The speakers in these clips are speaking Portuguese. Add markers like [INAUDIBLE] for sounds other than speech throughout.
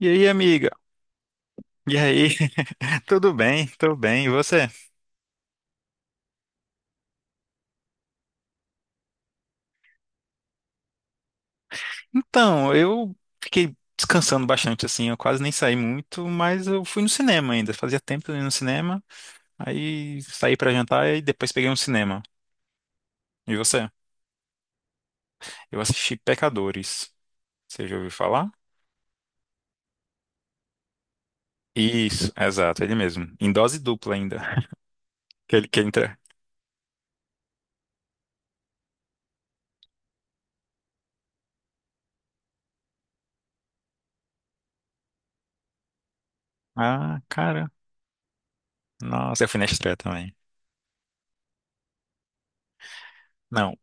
E aí, amiga? E aí? [LAUGHS] Tudo bem? Tudo bem. E você? Então, eu fiquei descansando bastante, assim. Eu quase nem saí muito, mas eu fui no cinema ainda. Fazia tempo que eu não ia no cinema. Aí saí pra jantar e depois peguei um cinema. E você? Eu assisti Pecadores. Você já ouviu falar? Isso, exato, ele mesmo. Em dose dupla ainda. [LAUGHS] Aquele que entra. Ah, cara. Nossa, eu fui na estreia também. Não.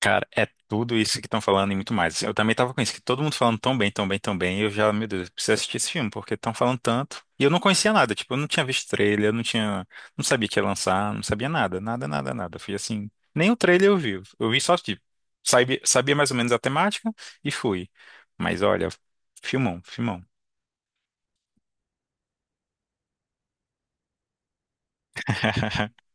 Cara, é tudo isso que estão falando e muito mais. Assim, eu também tava com isso, que todo mundo falando tão bem, tão bem, tão bem. E eu já, meu Deus, eu preciso assistir esse filme, porque estão falando tanto. E eu não conhecia nada, tipo, eu não tinha visto trailer, eu não tinha. Não sabia que ia lançar, não sabia nada, nada, nada, nada. Eu fui assim. Nem o trailer eu vi. Eu vi só, tipo, sabia, sabia mais ou menos a temática e fui. Mas olha, filmão, filmão. [LAUGHS]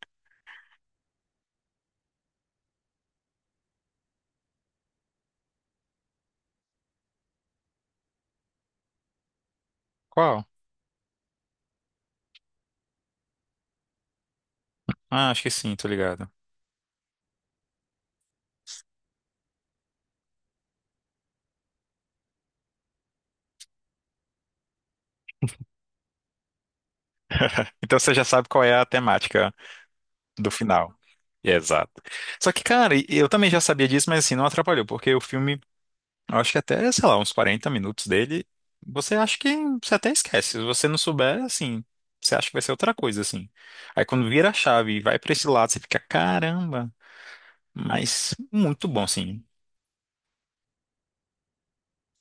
Qual? Ah, acho que sim, tô ligado. Então você já sabe qual é a temática do final. Exato. Só que, cara, eu também já sabia disso, mas assim, não atrapalhou, porque o filme, eu acho que até, sei lá, uns 40 minutos dele, você acha que você até esquece. Se você não souber, assim, você acha que vai ser outra coisa, assim. Aí quando vira a chave e vai pra esse lado, você fica, caramba, mas muito bom, assim.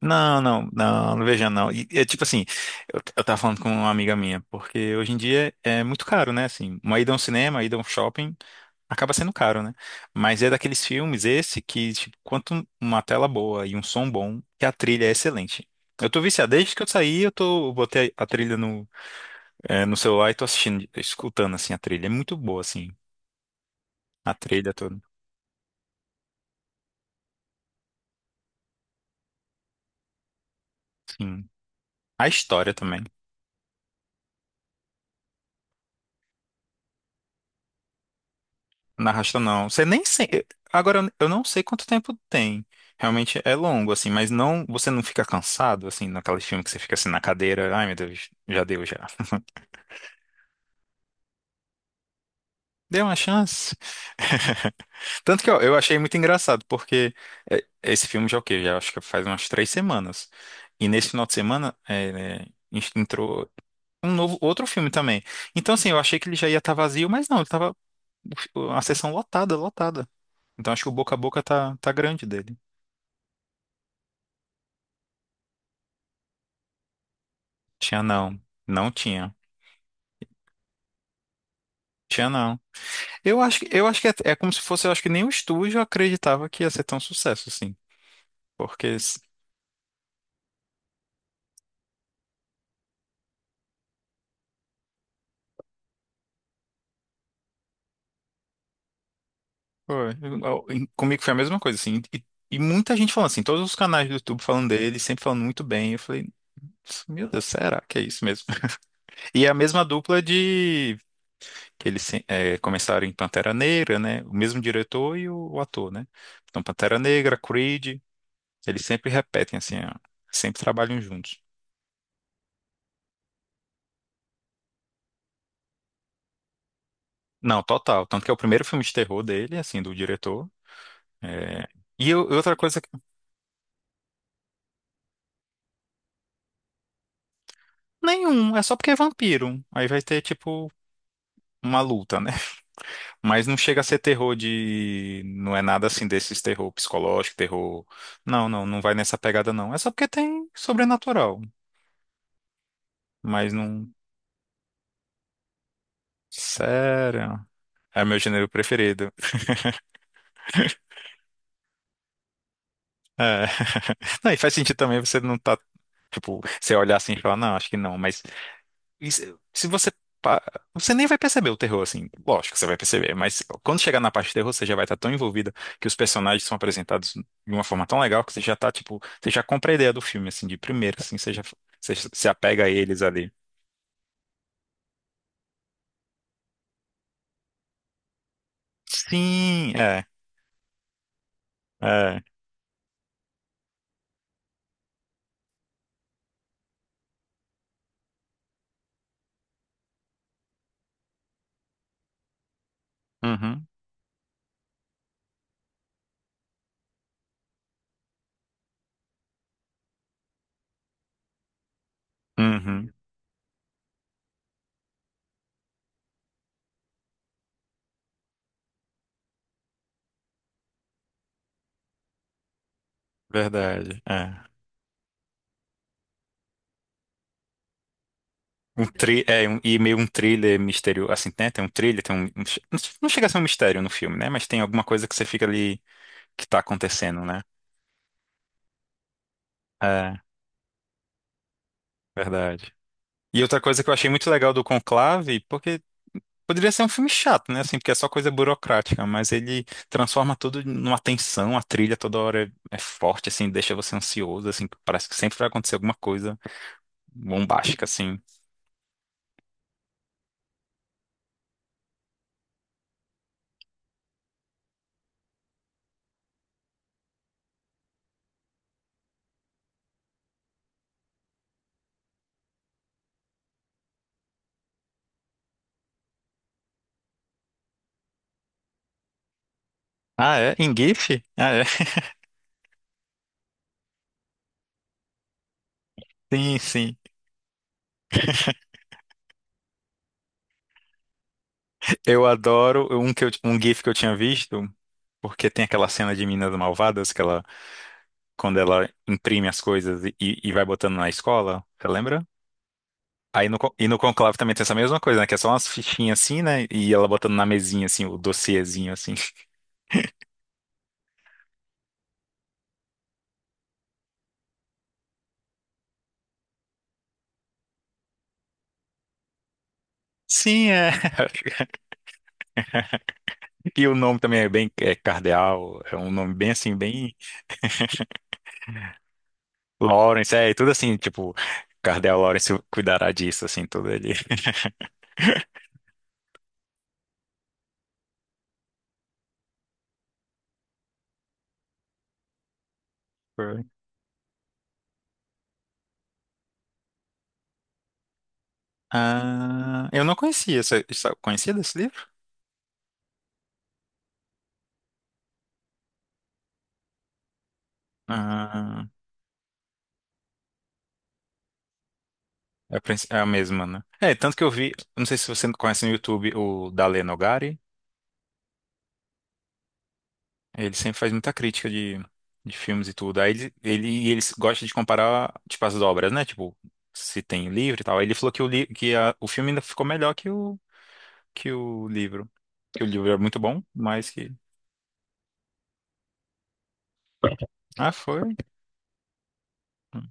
Não, não, não, não veja não. E, é tipo assim, eu tava falando com uma amiga minha, porque hoje em dia é muito caro, né? Assim, uma ida a um cinema, uma ida a um shopping, acaba sendo caro, né? Mas é daqueles filmes esse que, tipo, quanto uma tela boa e um som bom, que a trilha é excelente. Eu tô viciado, desde que eu saí, eu botei a trilha no, no celular e tô assistindo, escutando, assim, a trilha. É muito boa, assim, a trilha toda. Sim. A história também. Na Rasta não. Você nem sei. Agora eu não sei quanto tempo tem. Realmente é longo, assim, mas não. Você não fica cansado, assim, naquele filme que você fica assim na cadeira. Ai, meu Deus, já deu já. [LAUGHS] Deu uma chance. [LAUGHS] Tanto que ó, eu achei muito engraçado, porque esse filme já é o quê? Já acho que faz umas 3 semanas. E nesse final de semana né, entrou um novo, outro filme também. Então, assim, eu achei que ele já ia estar vazio, mas não, ele tava o fi- a sessão lotada, lotada. Então acho que o boca a boca tá grande dele. Tinha não. Não tinha. Tinha não. Eu acho que é, como se fosse, eu acho que nem o estúdio acreditava que ia ser tão sucesso, assim. Porque s- foi, eu- em- Comigo foi a mesma coisa, assim. E muita gente falando assim, todos os canais do YouTube falando dele, sempre falando muito bem. Eu falei, meu Deus, será que é isso mesmo? [LAUGHS] E é a mesma dupla de que eles começaram em Pantera Negra, né? O mesmo diretor e o ator, né? Então, Pantera Negra, Creed, eles sempre repetem assim, ó, sempre trabalham juntos. Não, total. Tanto que é o primeiro filme de terror dele, assim, do diretor. É. Outra coisa, nenhum, é só porque é vampiro. Aí vai ter, tipo, uma luta, né? [LAUGHS] Mas não chega a ser terror de. Não é nada assim desses terror psicológico, terror. Não, não, não vai nessa pegada, não. É só porque tem sobrenatural. Mas não. Sério. É meu gênero preferido. É. [LAUGHS] Não, e faz sentido também você não tá. Tipo, você olhar assim e falar, não, acho que não. Mas E se se você. Pa- você nem vai perceber o terror, assim. Lógico que você vai perceber, mas quando chegar na parte de terror, você já vai estar tão envolvida que os personagens são apresentados de uma forma tão legal que você já tá, tipo, você já compra a ideia do filme, assim, de primeiro, assim, você se apega a eles ali. Sim, é, é. Uhum, uhum, verdade, é. E meio um thriller misterioso, assim, né? Tem um thriller, tem não chega a ser um mistério no filme, né? Mas tem alguma coisa que você fica ali que tá acontecendo, né? É, verdade. E outra coisa que eu achei muito legal do Conclave, porque poderia ser um filme chato, né? Assim, porque é só coisa burocrática, mas ele transforma tudo numa tensão, a trilha toda hora é forte, assim, deixa você ansioso, assim, parece que sempre vai acontecer alguma coisa bombástica, assim. Ah, é? Em GIF? Ah, é? [LAUGHS] Sim, sim. Eu adoro um GIF que eu tinha visto, porque tem aquela cena de Meninas Malvadas, que ela, quando ela imprime as coisas e vai botando na escola, você lembra? Aí no, con- E no Conclave também tem essa mesma coisa, né? Que é só umas fichinhas assim, né? E ela botando na mesinha, assim, o dossiêzinho, assim. [LAUGHS] Sim, é. [LAUGHS] E o nome também é bem é Cardeal, é um nome bem assim, bem Lawrence, é, e tudo assim, tipo, Cardeal Lawrence cuidará disso, assim, tudo ali. [LAUGHS] Foi. Ah, eu não conhecia, você conhecia desse livro? Ah, é a mesma, né? É, tanto que eu vi, não sei se você conhece no YouTube o da Lê Nogari. Ele sempre faz muita crítica de, filmes e tudo. Aí ele gosta de comparar, tipo, as obras, né? Tipo, se tem o livro e tal. Aí ele falou que o filme ainda ficou melhor que o livro. Que o livro é muito bom, mas que... Ah, foi. Hum,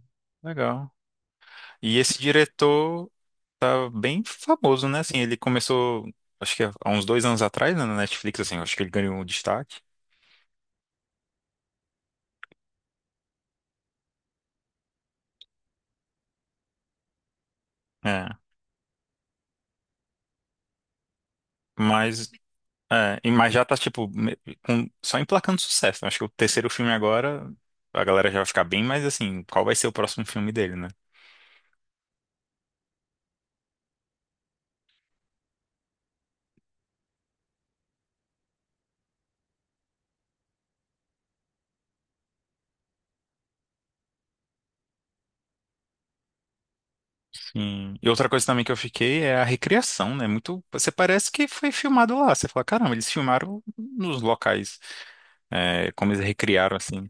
Legal. E esse diretor tá bem famoso, né? Assim, ele começou, acho que há uns 2 anos atrás, né, na Netflix, assim. Acho que ele ganhou um destaque. É. Mas mas já tá, tipo, só emplacando sucesso, né? Acho que o terceiro filme agora, a galera já vai ficar bem, mas assim, qual vai ser o próximo filme dele, né? Sim. E outra coisa também que eu fiquei é a recriação, né? Muito, você parece que foi filmado lá. Você fala, caramba, eles filmaram nos locais, é, como eles recriaram, assim.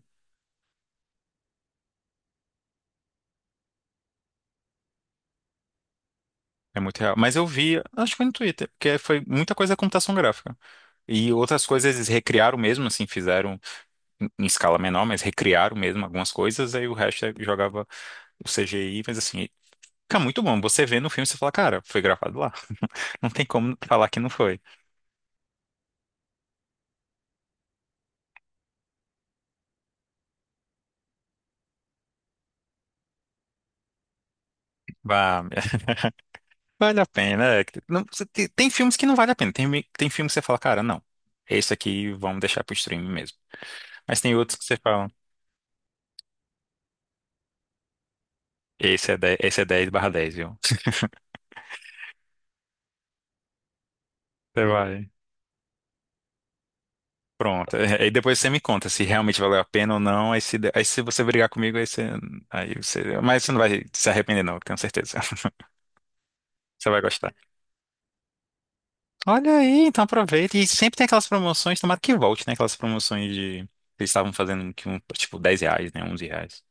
É muito real. Mas eu vi, acho que foi no Twitter, porque foi muita coisa da computação gráfica. E outras coisas eles recriaram mesmo, assim, fizeram em escala menor, mas recriaram mesmo algumas coisas, aí o resto jogava o CGI, mas assim, fica muito bom. Você vê no filme, você fala, cara, foi gravado lá. [LAUGHS] Não tem como falar que não foi. Vá, [LAUGHS] vale a pena. Você tem, tem filmes que não vale a pena, tem, tem filmes que você fala, cara, não, esse aqui vamos deixar pro streaming mesmo. Mas tem outros que você fala, esse é 10 barra dez, viu? [LAUGHS] Você vai. Pronto. Aí depois você me conta se realmente valeu a pena ou não. Aí se você brigar comigo, aí você, aí você. Mas você não vai se arrepender, não, eu tenho certeza. [LAUGHS] Você vai gostar. Olha aí, então aproveita. E sempre tem aquelas promoções, tomara que volte, né? Aquelas promoções de. Que eles estavam fazendo que tipo R$ 10, né? R$ 11.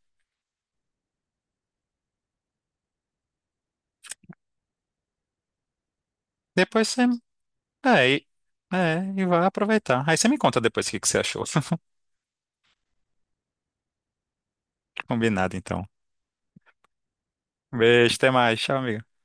Depois você. É, e vai aproveitar. Aí você me conta depois o que que você achou. [LAUGHS] Combinado, então. Beijo, até mais. Tchau, amigo.